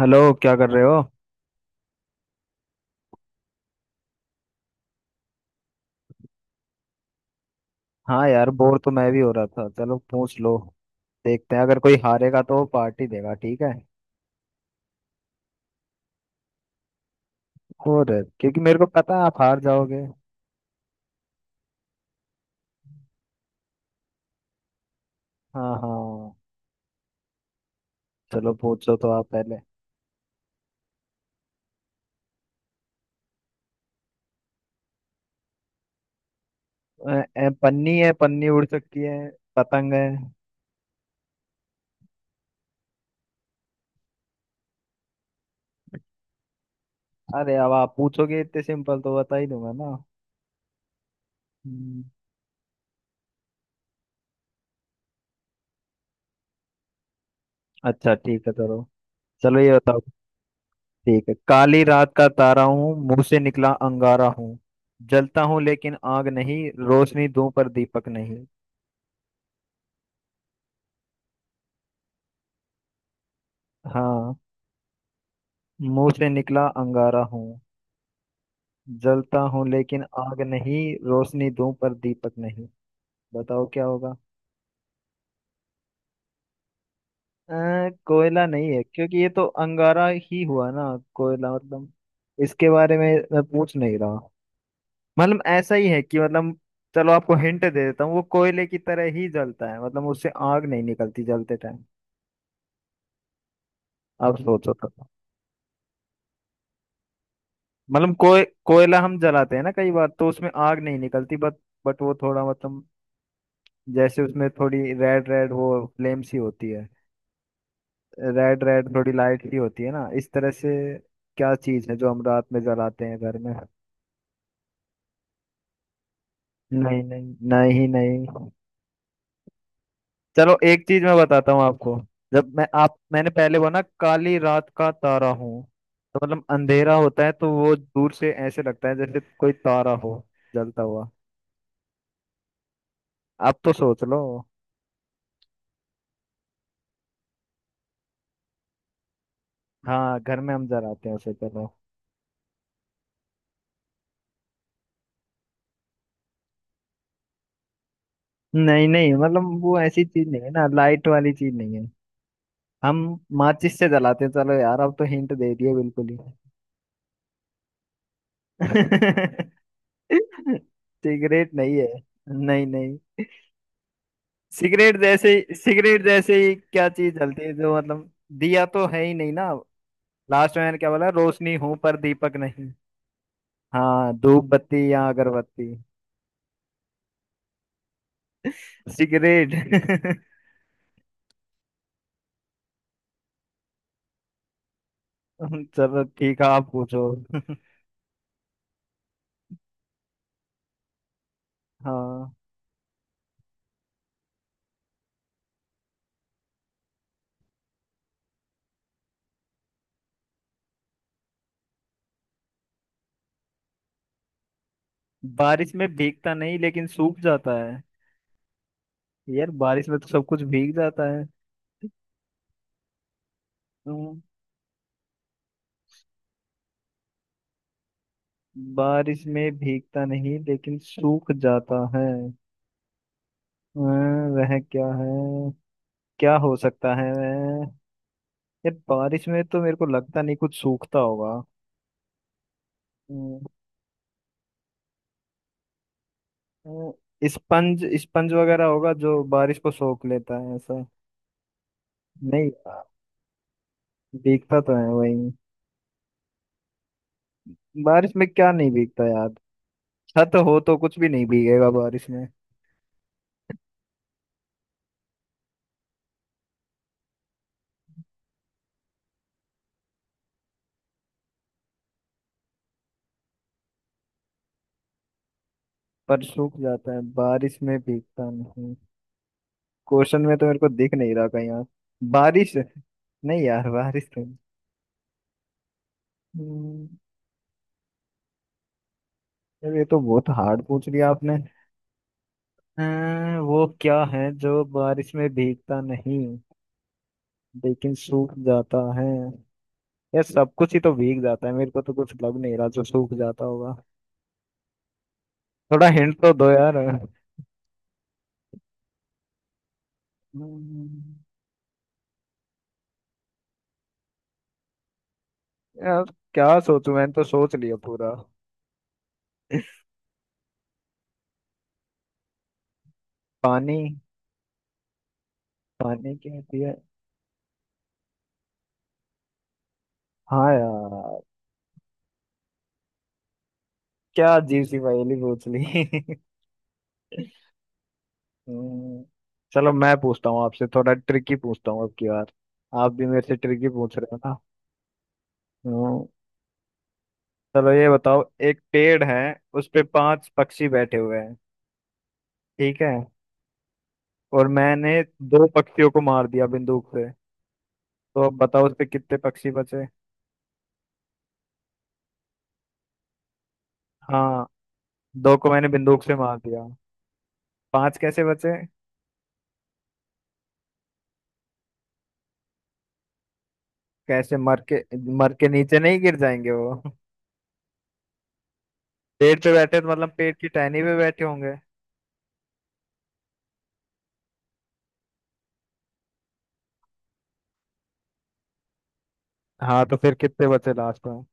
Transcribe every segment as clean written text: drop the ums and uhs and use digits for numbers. Hello, क्या कर रहे हो? हाँ यार, बोर तो मैं भी हो रहा था। चलो पूछ लो। देखते हैं, अगर कोई हारेगा तो वो पार्टी देगा, ठीक है। और। क्योंकि मेरे को पता है आप हार जाओगे। हाँ, हाँ। चलो, पूछो तो आप पहले। पन्नी है, पन्नी उड़ सकती है। पतंग है। अरे, अब आप पूछोगे इतने सिंपल तो बता ही दूंगा ना। हम्म। अच्छा, ठीक है, चलो। चलो, ये बताओ। ठीक है। काली रात का तारा हूँ, मुंह से निकला अंगारा हूँ। जलता हूँ लेकिन आग नहीं। रोशनी दूं पर दीपक नहीं। हाँ। मुंह से निकला अंगारा हूँ। जलता हूँ लेकिन आग नहीं। रोशनी दूं पर दीपक नहीं। बताओ क्या होगा। कोयला नहीं है, क्योंकि ये तो अंगारा ही हुआ ना। कोयला, मतलब। इसके बारे में मैं पूछ नहीं रहा। मतलब ऐसा ही है कि मतलब। चलो, आपको हिंट दे देता हूँ। वो कोयले की तरह ही जलता है, मतलब उससे आग नहीं निकलती जलते टाइम। आप सोचो तो। मतलब कोयला हम जलाते हैं ना, कई बार तो उसमें आग नहीं निकलती बट। बट वो थोड़ा मतलब। जैसे उसमें थोड़ी रेड रेड वो फ्लेम सी होती है। रेड रेड थोड़ी लाइट सी होती है ना, इस तरह से। क्या चीज है जो हम रात में जलाते हैं घर में? नहीं, नहीं, नहीं, नहीं। चलो, एक चीज मैं बताता हूँ आपको। जब मैं आप मैंने पहले वो ना, काली रात का तारा हूँ। तो मतलब अंधेरा होता है तो वो दूर से ऐसे लगता है जैसे कोई तारा हो। जलता हुआ। आप तो सोच लो। हाँ, घर में हम जलाते हैं उसे। चलो। नहीं नहीं, मतलब वो ऐसी चीज नहीं है ना, लाइट वाली चीज नहीं है। हम माचिस से जलाते हैं। चलो यार, अब तो हिंट दे दिए बिल्कुल ही। सिगरेट नहीं है। नहीं नहीं। सिगरेट जैसे ही क्या चीज जलती है जो मतलब। दिया तो है ही नहीं ना। लास्ट में मैंने क्या बोला? रोशनी हूं पर दीपक नहीं। हाँ, धूप बत्ती या अगरबत्ती। सिगरेट। चलो ठीक है, आप पूछो। हाँ। बारिश में भीगता नहीं लेकिन सूख जाता है? यार, बारिश में तो सब कुछ भीग जाता है। हम्म। बारिश में भीगता नहीं लेकिन सूख जाता है। वह क्या है? क्या हो सकता है वह? यार, बारिश में तो मेरे को लगता नहीं कुछ सूखता होगा। अं, स्पंज स्पंज वगैरह होगा जो बारिश को सोख लेता है ऐसा। नहीं। भीगता तो है वही। बारिश में क्या नहीं भीगता यार? छत हो तो कुछ भी नहीं भीगेगा बारिश में। पर सूख जाता है, बारिश में भीगता नहीं। क्वेश्चन में तो मेरे को दिख नहीं रहा कहीं यार। बारिश नहीं यार, बारिश तो नहीं। हम्म। यार, ये तो बहुत हार्ड पूछ लिया आपने। वो क्या है जो बारिश में भीगता नहीं लेकिन सूख जाता है? यार, सब कुछ ही तो भीग जाता है, मेरे को तो कुछ लग नहीं रहा जो सूख जाता होगा। थोड़ा हिंट तो दो यार। हम्म। यार, क्या सोचूं? मैंने तो सोच लिया पूरा। पानी। पानी क्या होती है? हाँ यार। क्या अजीब सी पहेली पूछ ली। हम्म। चलो, मैं पूछता हूँ आपसे, थोड़ा ट्रिकी पूछता हूँ अब की बार। आप भी मेरे से ट्रिकी पूछ रहे हो ना। हम्म। चलो, ये बताओ। एक पेड़ है। उस पे पांच पक्षी बैठे हुए हैं। ठीक है। और मैंने दो पक्षियों को मार दिया बंदूक से। तो अब बताओ उस पे कितने पक्षी बचे? हाँ। दो को मैंने बंदूक से मार दिया। पांच कैसे बचे? कैसे मर के? मर के नीचे नहीं गिर जाएंगे वो? पेड़ पे बैठे तो मतलब पेड़ की टहनी पे बैठे होंगे। हाँ, तो फिर कितने बचे लास्ट में?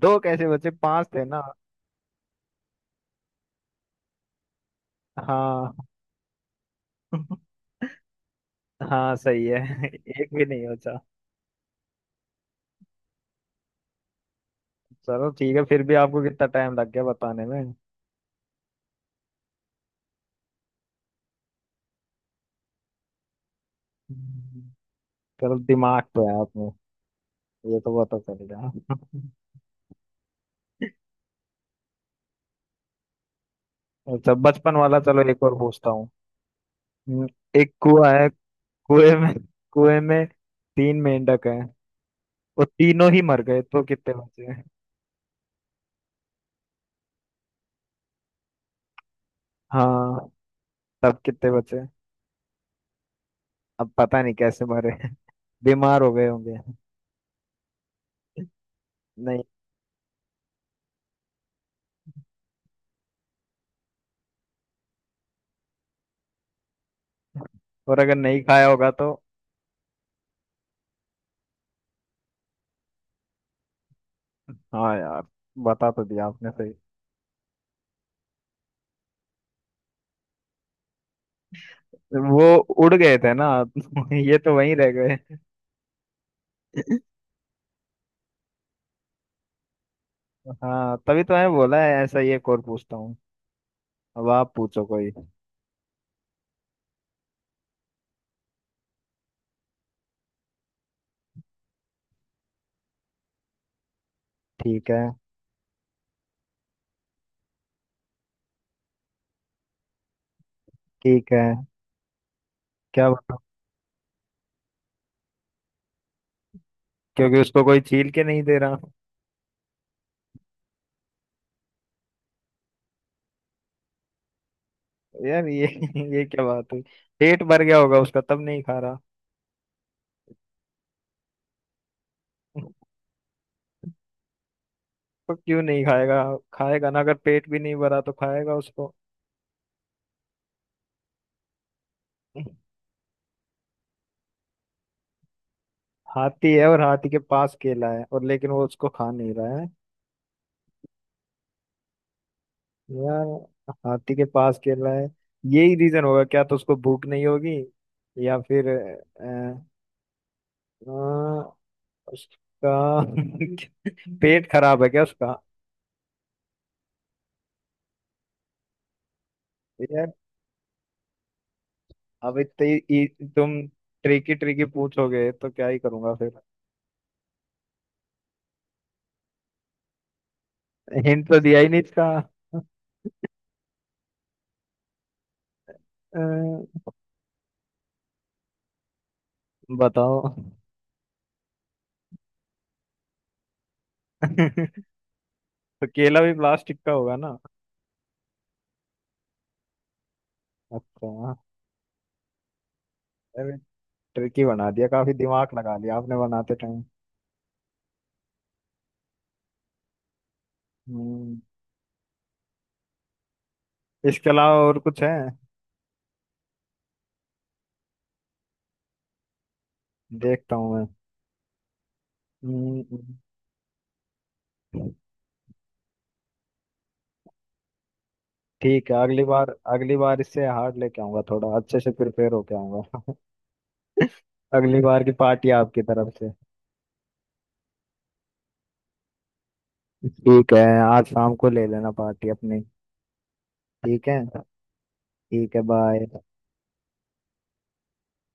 दो कैसे बचे, पांच थे ना? हाँ। हाँ सही है। एक भी नहीं बचा। चलो ठीक है, फिर भी आपको कितना टाइम लग गया बताने में। हम्म। चलो, दिमाग तो है आप में, ये तो पता चल गया। अच्छा, बचपन वाला चलो एक और पूछता हूँ। हम्म। एक कुआ है। कुएं में कुएं में तीन मेंढक हैं। वो तीनों ही मर गए तो कितने बचे? हाँ, तब कितने बचे? अब पता नहीं कैसे मरे, बीमार हो गए होंगे। नहीं। और अगर नहीं खाया होगा तो? हाँ यार। बता तो दिया आपने। वो उड़ गए थे ना, ये तो वहीं रह गए। हाँ, तभी तो मैंने बोला है ऐसा ही एक और पूछता हूँ। अब आप पूछो कोई। ठीक है, ठीक है। क्या बताऊँ? क्योंकि उसको कोई छील के नहीं दे रहा। यार ये, ये क्या बात हुई? पेट भर गया होगा उसका, तब नहीं खा रहा। तो क्यों नहीं खाएगा? खाएगा ना, अगर पेट भी नहीं भरा तो खाएगा उसको। हाथी है और हाथी के पास केला है और लेकिन वो उसको खा नहीं रहा है। यार। हाथी के पास खेल रहा है। यही रीजन होगा क्या, तो उसको भूख नहीं होगी। या फिर अ, उसका पेट खराब है क्या उसका? यार, अब तुम ट्रिकी ट्रिकी पूछोगे तो क्या ही करूंगा फिर। हिंट तो दिया ही नहीं इसका। अ, बताओ। तो केला भी प्लास्टिक का होगा ना। अच्छा। अरे, ट्रिकी बना दिया, काफी दिमाग लगा लिया आपने बनाते टाइम। हम्म। इसके अलावा और कुछ है? देखता हूँ मैं। हम्म। हम्म। ठीक है, अगली बार, अगली बार इससे हार्ड लेके आऊंगा, थोड़ा अच्छे से प्रिपेयर होके आऊंगा। अगली बार की पार्टी आपकी तरफ से। ठीक है, आज शाम को ले लेना पार्टी अपनी। ठीक है। ठीक है, बाय।